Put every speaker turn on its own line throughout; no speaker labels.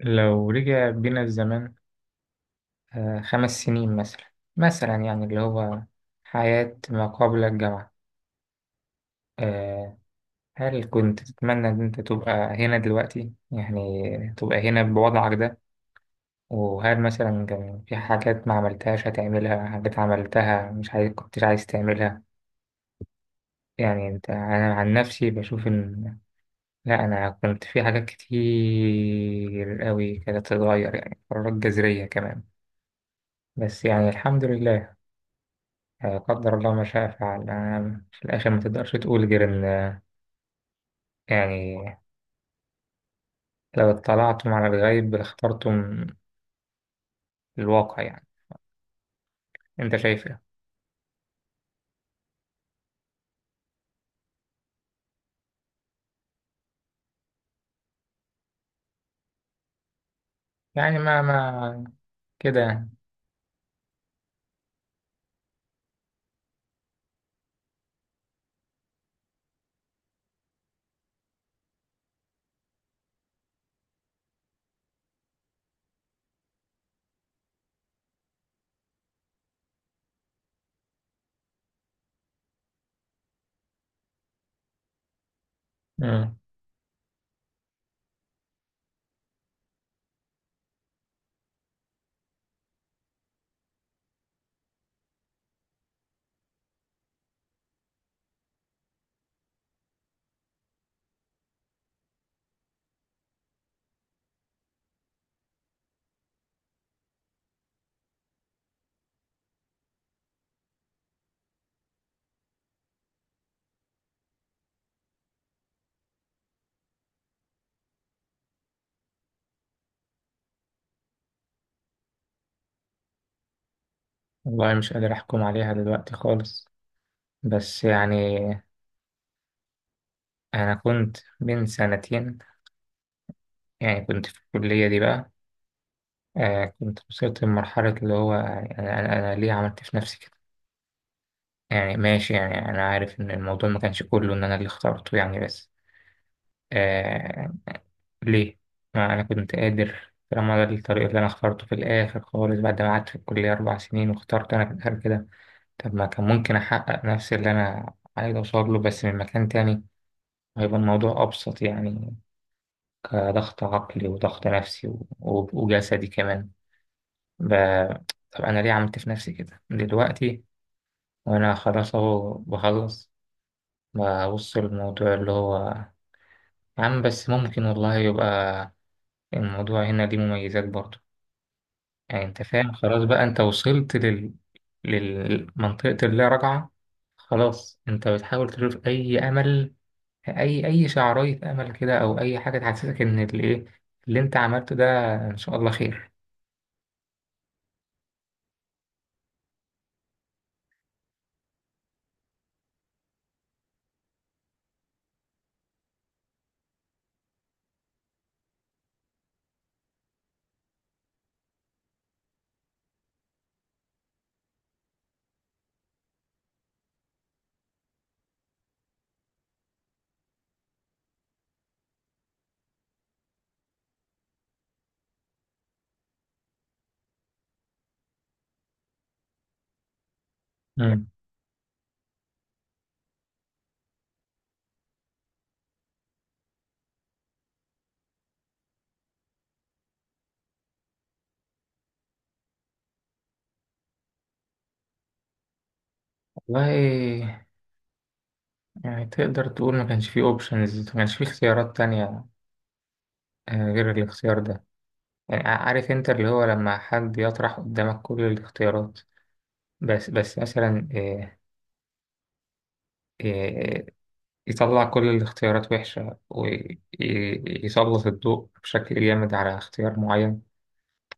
لو رجع بينا الزمان، 5 سنين مثلا، يعني اللي هو حياة ما قبل الجامعة. آه، هل كنت تتمنى إن أنت تبقى هنا دلوقتي، يعني تبقى هنا بوضعك ده؟ وهل مثلا كان في حاجات ما عملتهاش هتعملها، حاجات عملتها مش عايز كنتش عايز تعملها؟ يعني أنت، أنا عن نفسي بشوف إن لا، أنا كنت في حاجات كتير قوي كانت تتغير، يعني قرارات جذرية كمان. بس يعني الحمد لله، لا قدر الله ما شاء فعل، أنا في الآخر ما تقدرش تقول غير إن يعني لو اطلعتم على الغيب لاخترتم الواقع يعني. أنت شايف إيه؟ يعني ما ما كده يعني. مم. والله مش قادر أحكم عليها دلوقتي خالص. بس يعني أنا كنت من سنتين، يعني كنت في الكلية دي بقى. آه، كنت وصلت لمرحلة اللي هو يعني أنا ليه عملت في نفسي كده؟ يعني ماشي، يعني أنا عارف إن الموضوع ما كانش كله إن أنا اللي اخترته يعني، بس آه، ليه؟ ما أنا كنت قادر، طالما ده الطريق اللي أنا اخترته في الآخر خالص بعد ما قعدت في الكلية 4 سنين واخترت أنا في الآخر كده. طب ما كان ممكن أحقق نفس اللي أنا عايز أوصل له بس من مكان تاني؟ هيبقى الموضوع أبسط يعني، كضغط عقلي وضغط نفسي وجسدي كمان. ب... طب أنا ليه عملت في نفسي كده دلوقتي؟ وأنا خلاص أهو بخلص، ببص للموضوع اللي هو يا عم بس ممكن والله يبقى الموضوع هنا ليه مميزات برضه. يعني انت فاهم، خلاص بقى انت وصلت للمنطقة اللا رجعة. خلاص انت بتحاول تشوف اي امل، اي شعراية امل كده، او اي حاجة تحسسك ان الايه اللي انت عملته ده ان شاء الله خير. مم. والله يعني تقدر تقول ما كانش فيه اوبشنز، ما كانش فيه اختيارات تانية، آه، غير الاختيار ده. يعني عارف انت، اللي هو لما حد يطرح قدامك كل الاختيارات، بس مثلا، آه، يطلع كل الاختيارات وحشة ويسلط الضوء بشكل جامد على اختيار معين.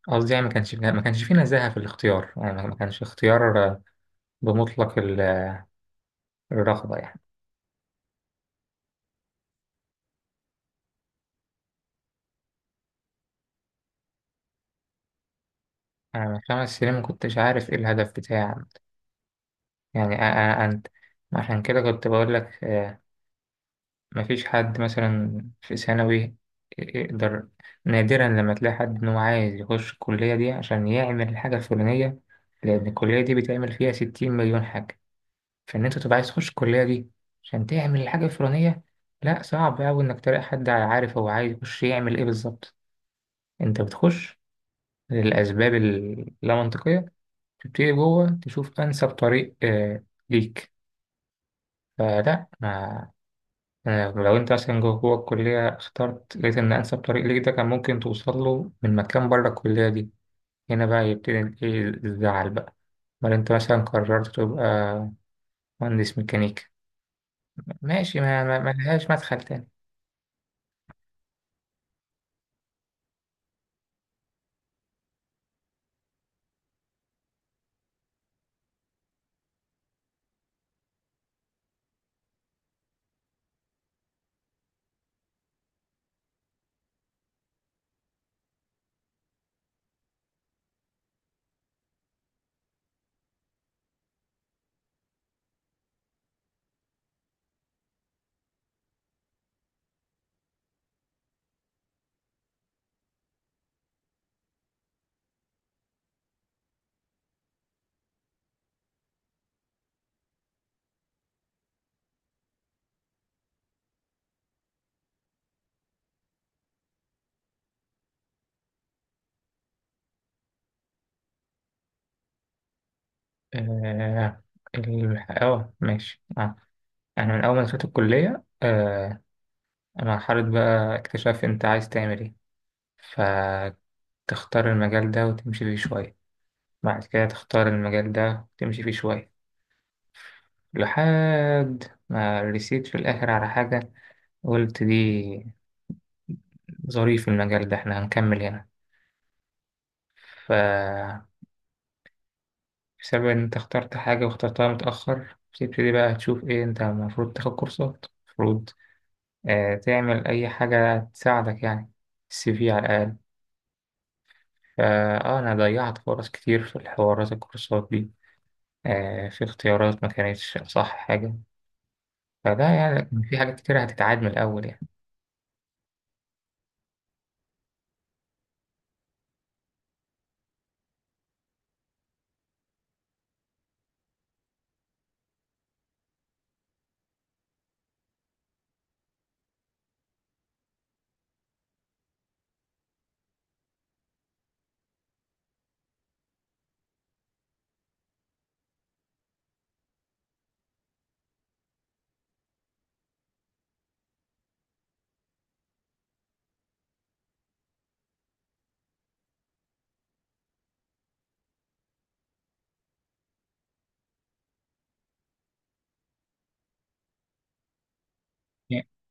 قصدي يعني ما كانش في نزاهة في الاختيار، يعني ما كانش اختيار بمطلق الرغبة يعني. أنا من 5 سنين ما كنتش عارف إيه الهدف بتاعي، يعني أنت، عشان كده كنت بقول لك. مفيش حد مثلا في ثانوي يقدر، نادرا لما تلاقي حد إنه عايز يخش الكلية دي عشان يعمل الحاجة الفلانية، لأن الكلية دي بتعمل فيها 60 مليون حاجة. في ان انت تبقى عايز تخش الكليه دي عشان تعمل الحاجه الفلانيه، لا، صعب قوي انك تلاقي حد عارف هو عايز يخش يعمل ايه بالظبط. انت بتخش للاسباب اللا منطقيه، تبتدي جوه تشوف انسب طريق ليك. فلا ما أنا لو انت مثلا جوه جوه الكليه اخترت، لقيت ان انسب طريق ليك ده كان ممكن توصل له من مكان بره الكليه دي. هنا بقى يبتدي ايه الزعل بقى، امال انت مثلا قررت تبقى مهندس ميكانيكا، ماشي، ما لهاش مدخل تاني. آه اه ماشي، انا من اول ما دخلت الكلية. انا مرحلة بقى اكتشاف انت عايز تعمل ايه، فتختار المجال ده وتمشي فيه شوية، بعد كده تختار المجال ده وتمشي فيه شوية لحد ما رسيت في الاخر على حاجة. قلت دي ظريف المجال ده، احنا هنكمل هنا. ف بسبب ان انت اخترت حاجة واخترتها متأخر، بتبتدي بقى تشوف ايه انت المفروض تاخد كورسات، المفروض تعمل أي حاجة تساعدك يعني، السي في على الأقل. أنا ضيعت فرص كتير في الحوارات الكورسات دي، في اختيارات ما كانتش أصح حاجة. فده يعني في حاجات كتير هتتعاد من الأول يعني.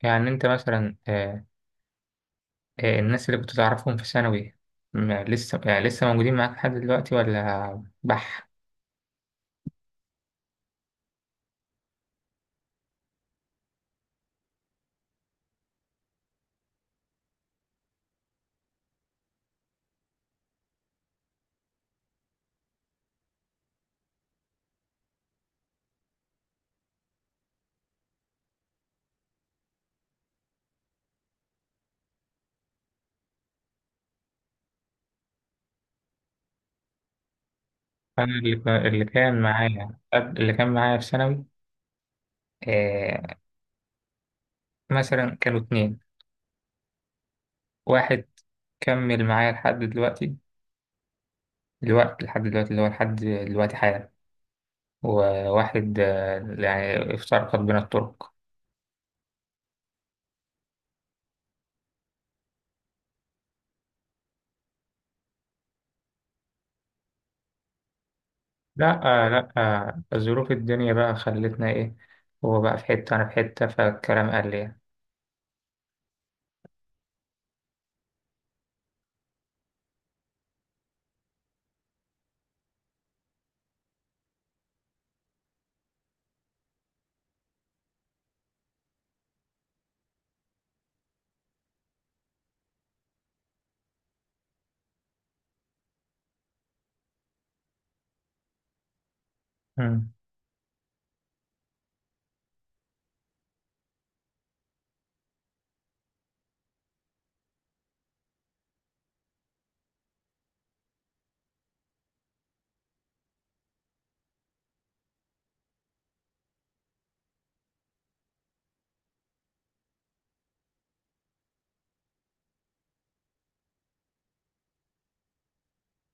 يعني أنت مثلا، الناس اللي كنت تعرفهم في ثانوي، لسه يعني لسه موجودين معاك لحد دلوقتي ولا بح؟ أنا اللي كان معايا في ثانوي، آه، مثلا كانوا 2. واحد كمل معايا لحد دلوقتي الوقت، لحد دلوقتي اللي هو لحد دلوقتي حالا، وواحد يعني افترقت بين الطرق. لا، لا، ظروف الدنيا بقى خلتنا ايه، هو بقى في حتة أنا في حتة فالكلام قل يعني. مم.